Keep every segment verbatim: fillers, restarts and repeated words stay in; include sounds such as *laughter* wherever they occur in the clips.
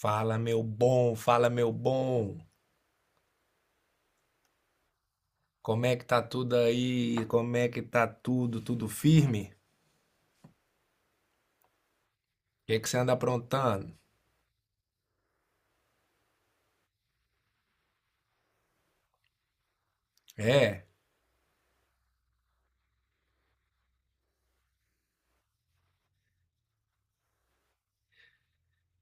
Fala, meu bom, fala, meu bom. Como é que tá tudo aí? Como é que tá tudo? Tudo firme? O que é que você anda aprontando? É,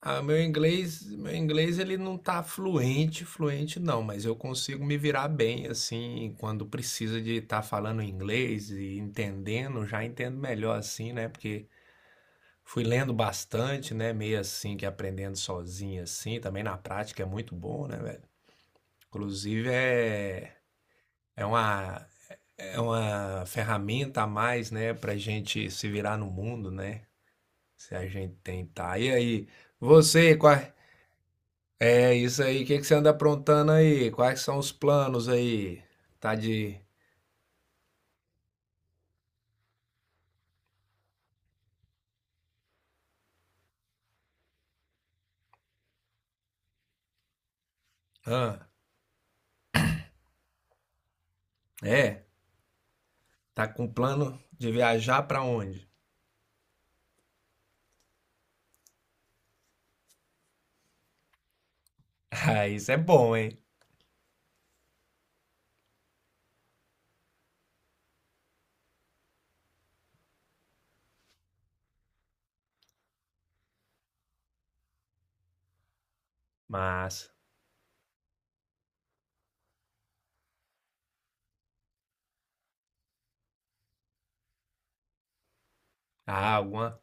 ah, meu inglês, meu inglês ele não tá fluente, fluente não, mas eu consigo me virar bem assim quando precisa de estar falando inglês e entendendo, já entendo melhor assim, né? Porque fui lendo bastante, né? Meio assim que aprendendo sozinho assim, também na prática é muito bom, né, velho? Inclusive é é uma É uma ferramenta a mais, né, pra gente se virar no mundo, né? Se a gente tentar. E aí, você, quais... É isso aí, o que que você anda aprontando aí? Quais são os planos aí? Tá de... Hã? É? Tá com plano de viajar pra onde? *laughs* Ah, isso é bom, hein? Mas ah, alguma...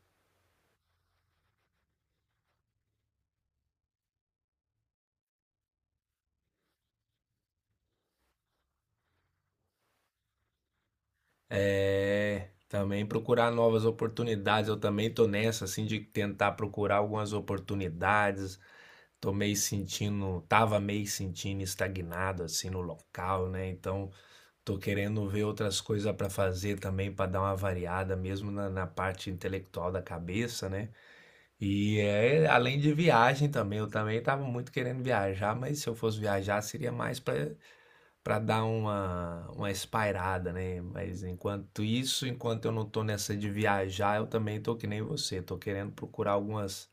É, também procurar novas oportunidades. Eu também tô nessa, assim, de tentar procurar algumas oportunidades. Tô meio sentindo, tava meio sentindo estagnado, assim, no local, né? Então, tô querendo ver outras coisas para fazer também, para dar uma variada, mesmo na, na parte intelectual da cabeça, né? E é, além de viagem também, eu também tava muito querendo viajar, mas se eu fosse viajar, seria mais para para dar uma, uma espairada, né? Mas enquanto isso, enquanto eu não tô nessa de viajar, eu também tô que nem você, tô querendo procurar algumas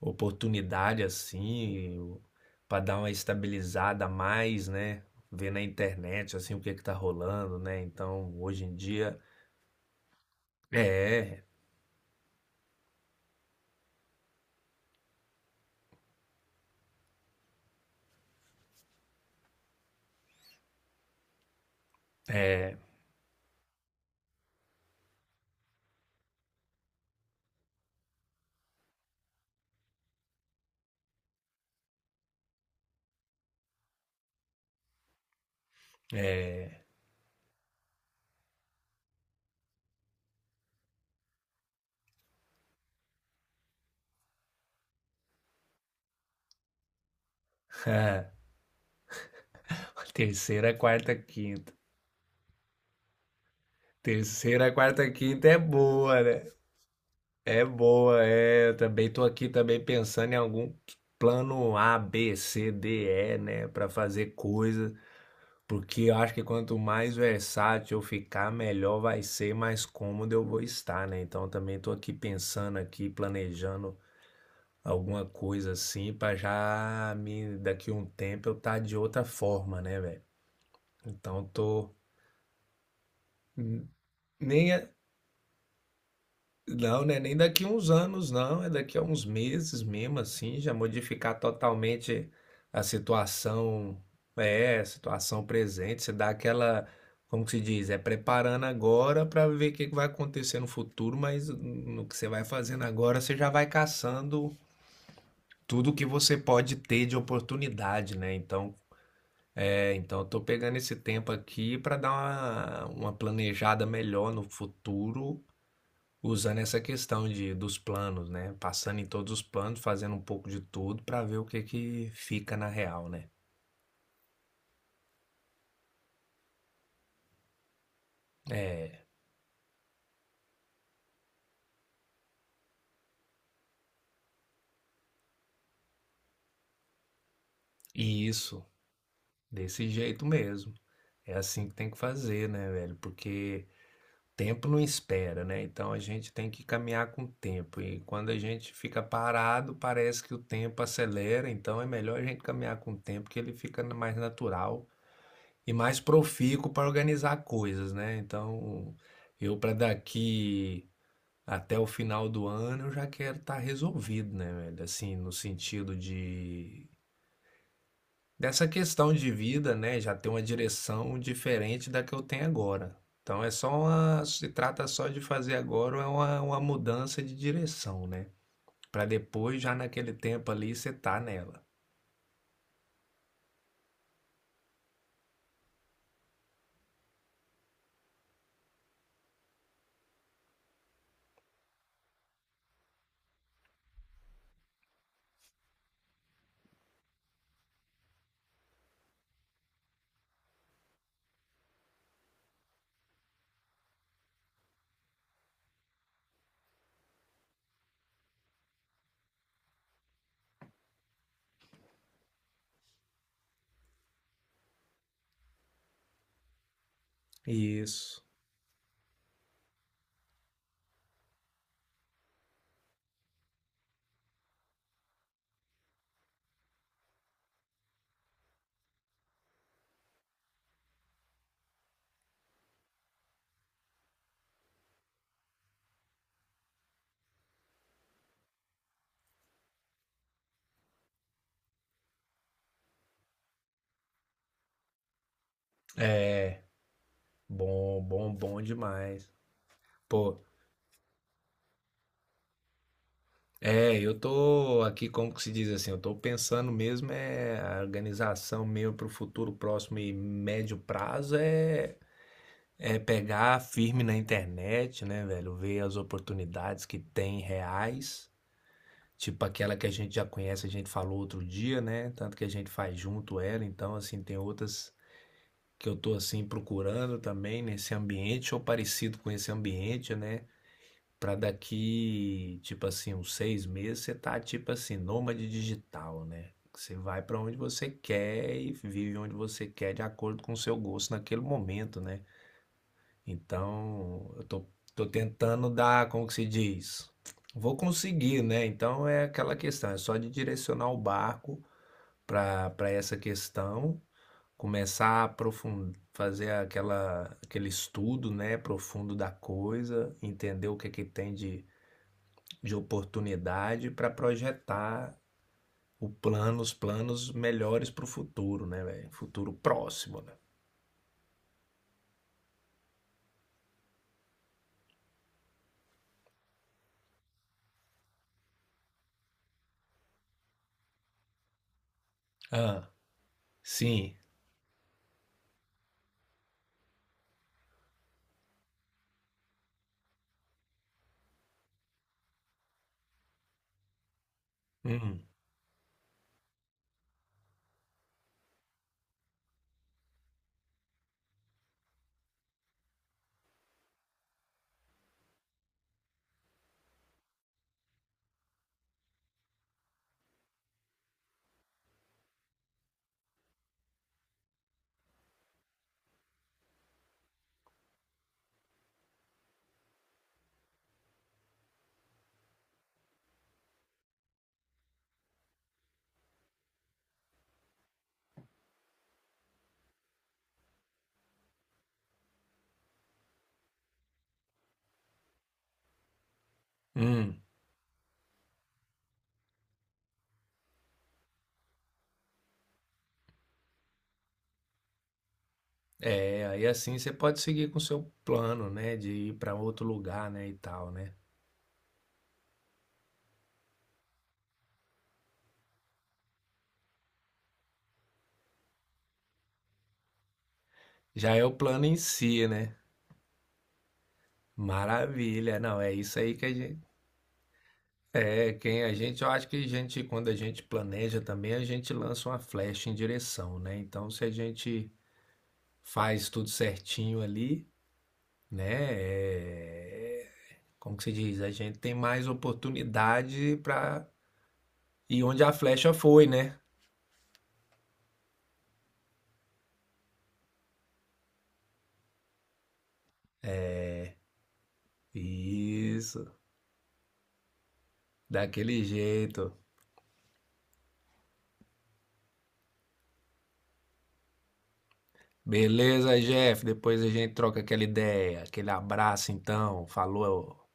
oportunidades assim, para dar uma estabilizada a mais, né? Ver na internet assim o que que tá rolando, né? Então, hoje em dia é, é, é *laughs* terceira, quarta, quinta. Terceira, quarta, quinta é boa, né? É boa, é. Eu também tô aqui também pensando em algum plano A, B, C, D, E, né, para fazer coisa, porque eu acho que quanto mais versátil eu ficar, melhor vai ser, mais cômodo eu vou estar, né? Então eu também tô aqui pensando aqui, planejando alguma coisa assim para já me daqui a um tempo eu tá de outra forma, né, velho? Então tô, hum, nem. Não, né? Nem daqui uns anos, não. É daqui a uns meses mesmo, assim, já modificar totalmente a situação, é, a situação presente. Você dá aquela, como que se diz? É preparando agora para ver o que que vai acontecer no futuro, mas no que você vai fazendo agora, você já vai caçando tudo que você pode ter de oportunidade, né? Então, é, então eu tô pegando esse tempo aqui para dar uma, uma planejada melhor no futuro. Usando essa questão de dos planos, né, passando em todos os planos, fazendo um pouco de tudo para ver o que que fica na real, né. É, e isso, desse jeito mesmo. É assim que tem que fazer, né, velho, porque tempo não espera, né, então a gente tem que caminhar com o tempo e quando a gente fica parado, parece que o tempo acelera, então é melhor a gente caminhar com o tempo que ele fica mais natural e mais profícuo para organizar coisas, né. Então, eu para daqui. Até o final do ano eu já quero estar resolvido, né, velho? Assim, no sentido de dessa questão de vida, né, já ter uma direção diferente da que eu tenho agora. Então é só uma, se trata só de fazer agora é uma, uma mudança de direção, né? Para depois já naquele tempo ali você tá nela. Isso. Bom, bom, bom demais. Pô, é, eu tô aqui, como que se diz assim, eu tô pensando mesmo é a organização meio para o futuro próximo e médio prazo é é pegar firme na internet, né, velho? Ver as oportunidades que tem reais, tipo aquela que a gente já conhece, a gente falou outro dia, né? Tanto que a gente faz junto ela, então assim tem outras que eu tô assim procurando também nesse ambiente ou parecido com esse ambiente, né? Pra daqui, tipo assim, uns seis meses, você tá, tipo assim, nômade digital, né? Você vai pra onde você quer e vive onde você quer de acordo com o seu gosto naquele momento, né? Então, eu tô, tô tentando dar, como que se diz? Vou conseguir, né? Então é aquela questão, é só de direcionar o barco pra para essa questão, começar a aprofundar, fazer aquela, aquele estudo, né, profundo da coisa, entender o que é que tem de de oportunidade para projetar o plano, os planos melhores para o futuro, né, velho? Futuro próximo, né? Ah, sim. Hum, hum. É, aí assim você pode seguir com o seu plano, né, de ir para outro lugar, né, e tal, né? Já é o plano em si, né? Maravilha. Não, é isso aí que a gente é, quem a gente, eu acho que a gente quando a gente planeja também, a gente lança uma flecha em direção, né? Então, se a gente faz tudo certinho ali, né? É, como que se diz? A gente tem mais oportunidade para ir onde a flecha foi, né? Isso, daquele jeito. Beleza, Jeff? Depois a gente troca aquela ideia, aquele abraço então. Falou.